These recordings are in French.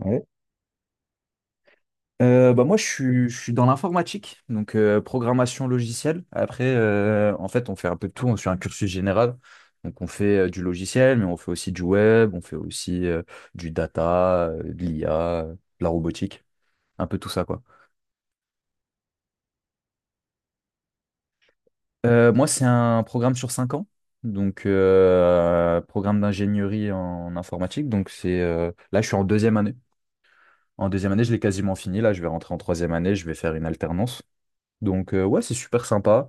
Ouais. Bah moi, je suis dans l'informatique, donc programmation logicielle. Après, en fait, on fait un peu de tout. On suit un cursus général. Donc, on fait du logiciel, mais on fait aussi du web, on fait aussi du data, de l'IA, de la robotique, un peu tout ça, quoi. Moi, c'est un programme sur 5 ans. Donc, programme d'ingénierie en informatique. Donc, c'est là, je suis en deuxième année. En deuxième année, je l'ai quasiment fini. Là, je vais rentrer en troisième année. Je vais faire une alternance. Donc, ouais, c'est super sympa.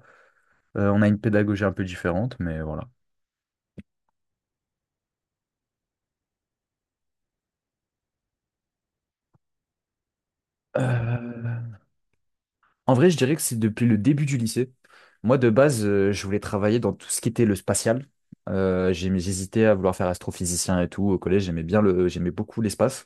On a une pédagogie un peu différente, mais voilà. Euh, En vrai, je dirais que c'est depuis le début du lycée. Moi, de base, je voulais travailler dans tout ce qui était le spatial. J'hésitais à vouloir faire astrophysicien et tout. Au collège, j'aimais beaucoup l'espace.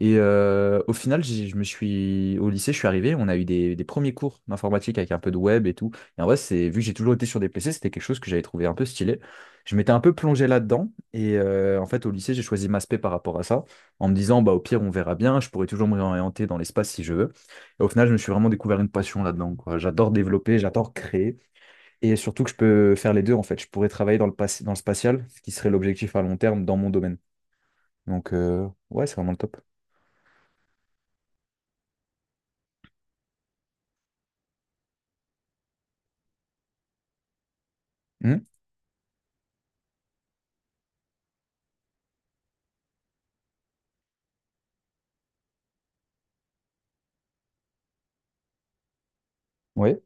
Et au final, je me suis au lycée, je suis arrivé, on a eu des premiers cours d'informatique avec un peu de web et tout. Et en vrai, c'est vu que j'ai toujours été sur des PC, c'était quelque chose que j'avais trouvé un peu stylé. Je m'étais un peu plongé là-dedans et en fait, au lycée, j'ai choisi ma spé par rapport à ça, en me disant bah au pire, on verra bien, je pourrais toujours me réorienter dans l'espace si je veux. Et au final, je me suis vraiment découvert une passion là-dedans, quoi. J'adore développer, j'adore créer. Et surtout que je peux faire les deux, en fait. Je pourrais travailler dans le, pas- dans le spatial, ce qui serait l'objectif à long terme dans mon domaine. Donc, ouais, c'est vraiment le top. Hmm. Ouais.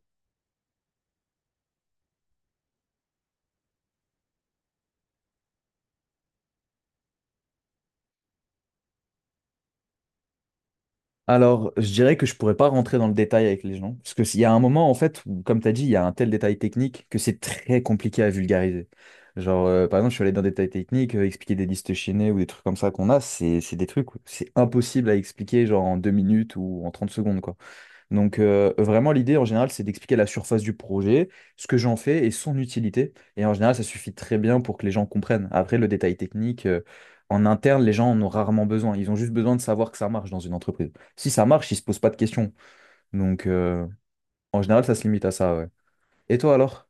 Alors, je dirais que je pourrais pas rentrer dans le détail avec les gens. Parce que s'il y a un moment, en fait, où, comme tu as dit, il y a un tel détail technique que c'est très compliqué à vulgariser. Genre, par exemple, je suis allé dans des détails techniques, expliquer des listes chaînées ou des trucs comme ça qu'on a, c'est des trucs, où c'est impossible à expliquer genre en 2 minutes ou en 30 secondes, quoi. Donc, vraiment, l'idée en général, c'est d'expliquer la surface du projet, ce que j'en fais et son utilité. Et en général, ça suffit très bien pour que les gens comprennent. Après, le détail technique, en interne, les gens en ont rarement besoin. Ils ont juste besoin de savoir que ça marche dans une entreprise. Si ça marche, ils se posent pas de questions. Donc, en général, ça se limite à ça, ouais. Et toi alors?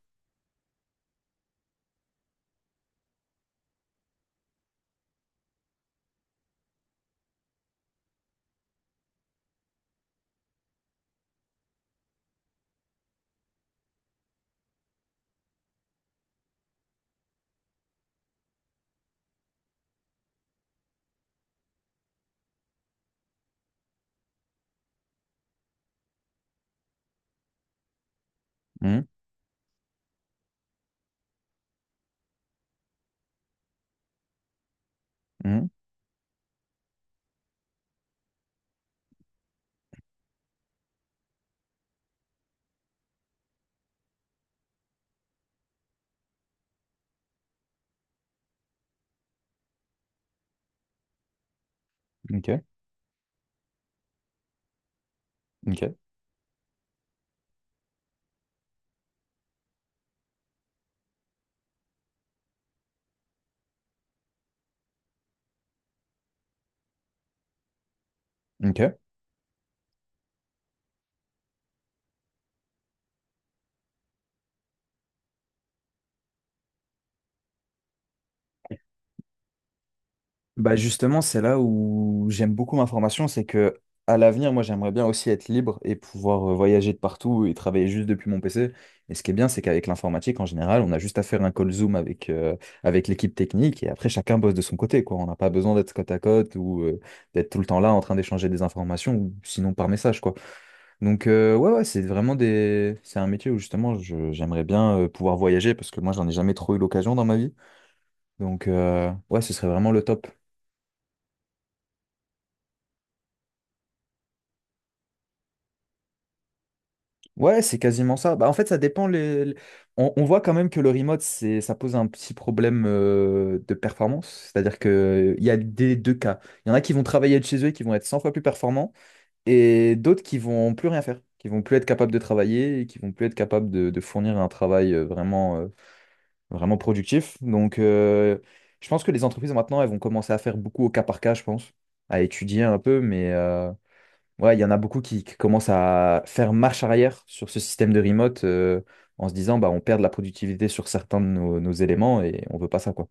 Hum. Hum. Ok, ok, ok. Bah justement, c'est là où j'aime beaucoup ma formation, c'est que à l'avenir, moi j'aimerais bien aussi être libre et pouvoir voyager de partout et travailler juste depuis mon PC. Et ce qui est bien, c'est qu'avec l'informatique, en général, on a juste à faire un call Zoom avec l'équipe technique et après chacun bosse de son côté, quoi. On n'a pas besoin d'être côte à côte ou d'être tout le temps là en train d'échanger des informations ou sinon par message, quoi. Donc ouais, ouais, c'est un métier où justement j'aimerais bien pouvoir voyager parce que moi j'en ai jamais trop eu l'occasion dans ma vie. Donc ouais, ce serait vraiment le top. Ouais, c'est quasiment ça. Bah, en fait, ça dépend. On voit quand même que le remote, ça pose un petit problème de performance. C'est-à-dire qu'il y a des deux cas. Il y en a qui vont travailler de chez eux et qui vont être 100 fois plus performants, et d'autres qui vont plus rien faire, qui vont plus être capables de travailler et qui vont plus être capables de fournir un travail vraiment, vraiment productif. Donc, je pense que les entreprises maintenant, elles vont commencer à faire beaucoup au cas par cas, je pense, à étudier un peu, ouais, il y en a beaucoup qui commencent à faire marche arrière sur ce système de remote en se disant bah on perd de la productivité sur certains de nos éléments et on veut pas ça quoi.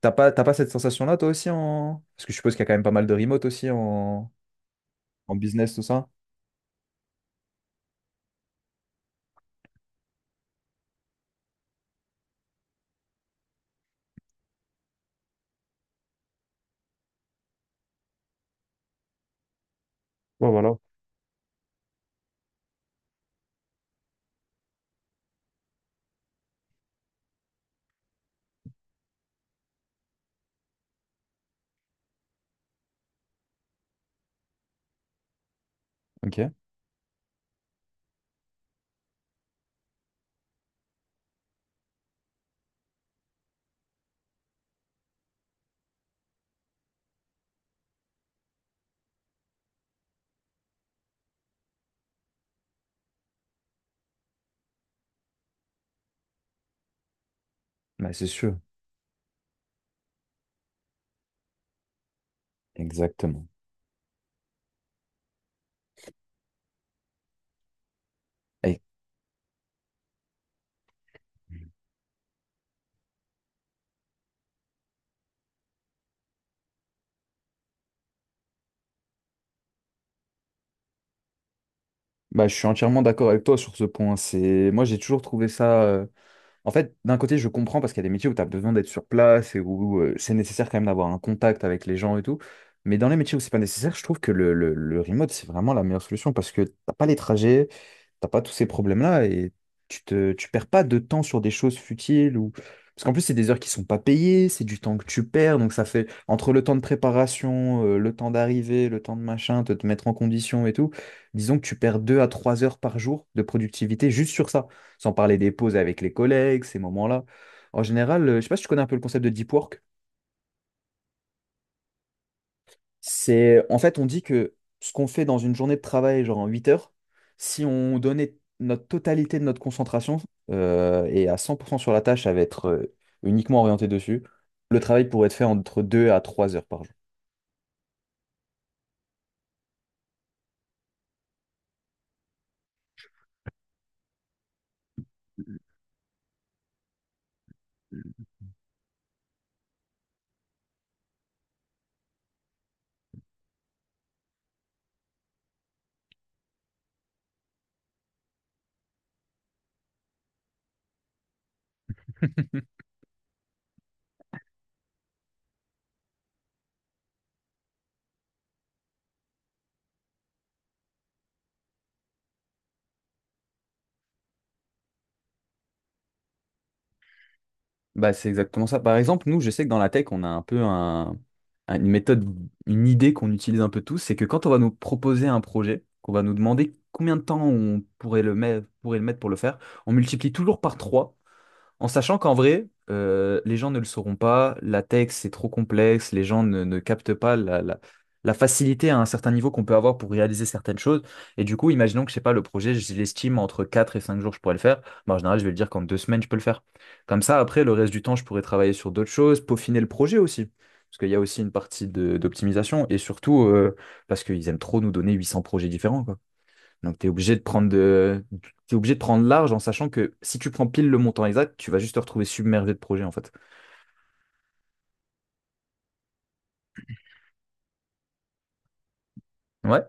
T'as pas cette sensation-là toi aussi en... Parce que je suppose qu'il y a quand même pas mal de remote aussi en business, tout ça. Ouais, voilà. Ok. Bah, c'est sûr. Exactement. Et- Bah, je suis entièrement d'accord avec toi sur ce point. Moi j'ai toujours trouvé ça. En fait, d'un côté, je comprends parce qu'il y a des métiers où tu as besoin d'être sur place et où c'est nécessaire quand même d'avoir un contact avec les gens et tout. Mais dans les métiers où c'est pas nécessaire, je trouve que le remote, c'est vraiment la meilleure solution parce que t'as pas les trajets, t'as pas tous ces problèmes-là et tu perds pas de temps sur des choses futiles ou... Parce qu'en plus, c'est des heures qui sont pas payées, c'est du temps que tu perds, donc ça fait entre le temps de préparation, le temps d'arrivée, le temps de machin, te mettre en condition et tout, disons que tu perds 2 à 3 heures par jour de productivité juste sur ça. Sans parler des pauses avec les collègues, ces moments-là. En général, je sais pas si tu connais un peu le concept de deep work. En fait, on dit que ce qu'on fait dans une journée de travail, genre en 8 heures, si on donnait notre totalité de notre concentration et à 100% sur la tâche, ça va être uniquement orienté dessus, le travail pourrait être fait entre 2 à 3 heures par jour. Bah, c'est exactement ça. Par exemple, nous, je sais que dans la tech, on a un peu une méthode, une idée qu'on utilise un peu tous, c'est que quand on va nous proposer un projet, qu'on va nous demander combien de temps on pourrait le mettre pour le faire, on multiplie toujours par 3 en sachant qu'en vrai, les gens ne le sauront pas, la tech, c'est trop complexe, les gens ne captent pas la facilité à un certain niveau qu'on peut avoir pour réaliser certaines choses. Et du coup, imaginons que, je sais pas, le projet, je l'estime entre 4 et 5 jours, je pourrais le faire. Bah, en général, je vais le dire qu'en 2 semaines, je peux le faire. Comme ça, après, le reste du temps, je pourrais travailler sur d'autres choses, peaufiner le projet aussi. Parce qu'il y a aussi une partie d'optimisation et surtout parce qu'ils aiment trop nous donner 800 projets différents, quoi. Donc, tu es obligé de prendre de... T'es obligé de prendre large en sachant que si tu prends pile le montant exact, tu vas juste te retrouver submergé de projets, en fait. Ouais.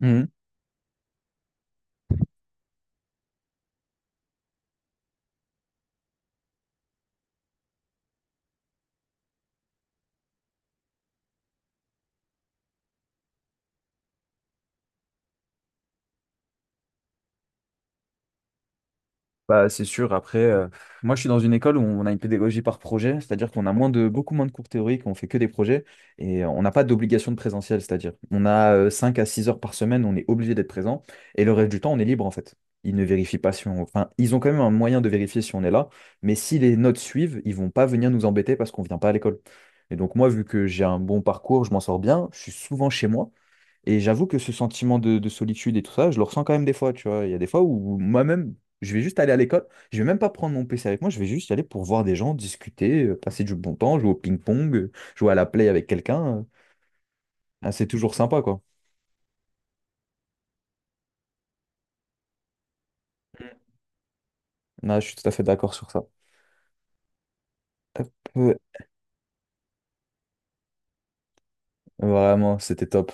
Mhm. Bah, c'est sûr. Après, moi, je suis dans une école où on a une pédagogie par projet, c'est-à-dire qu'on a beaucoup moins de cours théoriques, on fait que des projets et on n'a pas d'obligation de présentiel, c'est-à-dire on a 5 à six heures par semaine, on est obligé d'être présent et le reste du temps, on est libre en fait. Ils ne vérifient pas si on... Enfin, ils ont quand même un moyen de vérifier si on est là, mais si les notes suivent, ils vont pas venir nous embêter parce qu'on vient pas à l'école. Et donc moi, vu que j'ai un bon parcours, je m'en sors bien, je suis souvent chez moi. Et j'avoue que ce sentiment de solitude et tout ça, je le ressens quand même des fois, tu vois. Il y a des fois où moi-même, je vais juste aller à l'école, je vais même pas prendre mon PC avec moi, je vais juste y aller pour voir des gens, discuter, passer du bon temps, jouer au ping-pong, jouer à la play avec quelqu'un. Ah, c'est toujours sympa, quoi. Ah, je suis tout à fait d'accord sur ça. Hop, euh, vraiment, c'était top.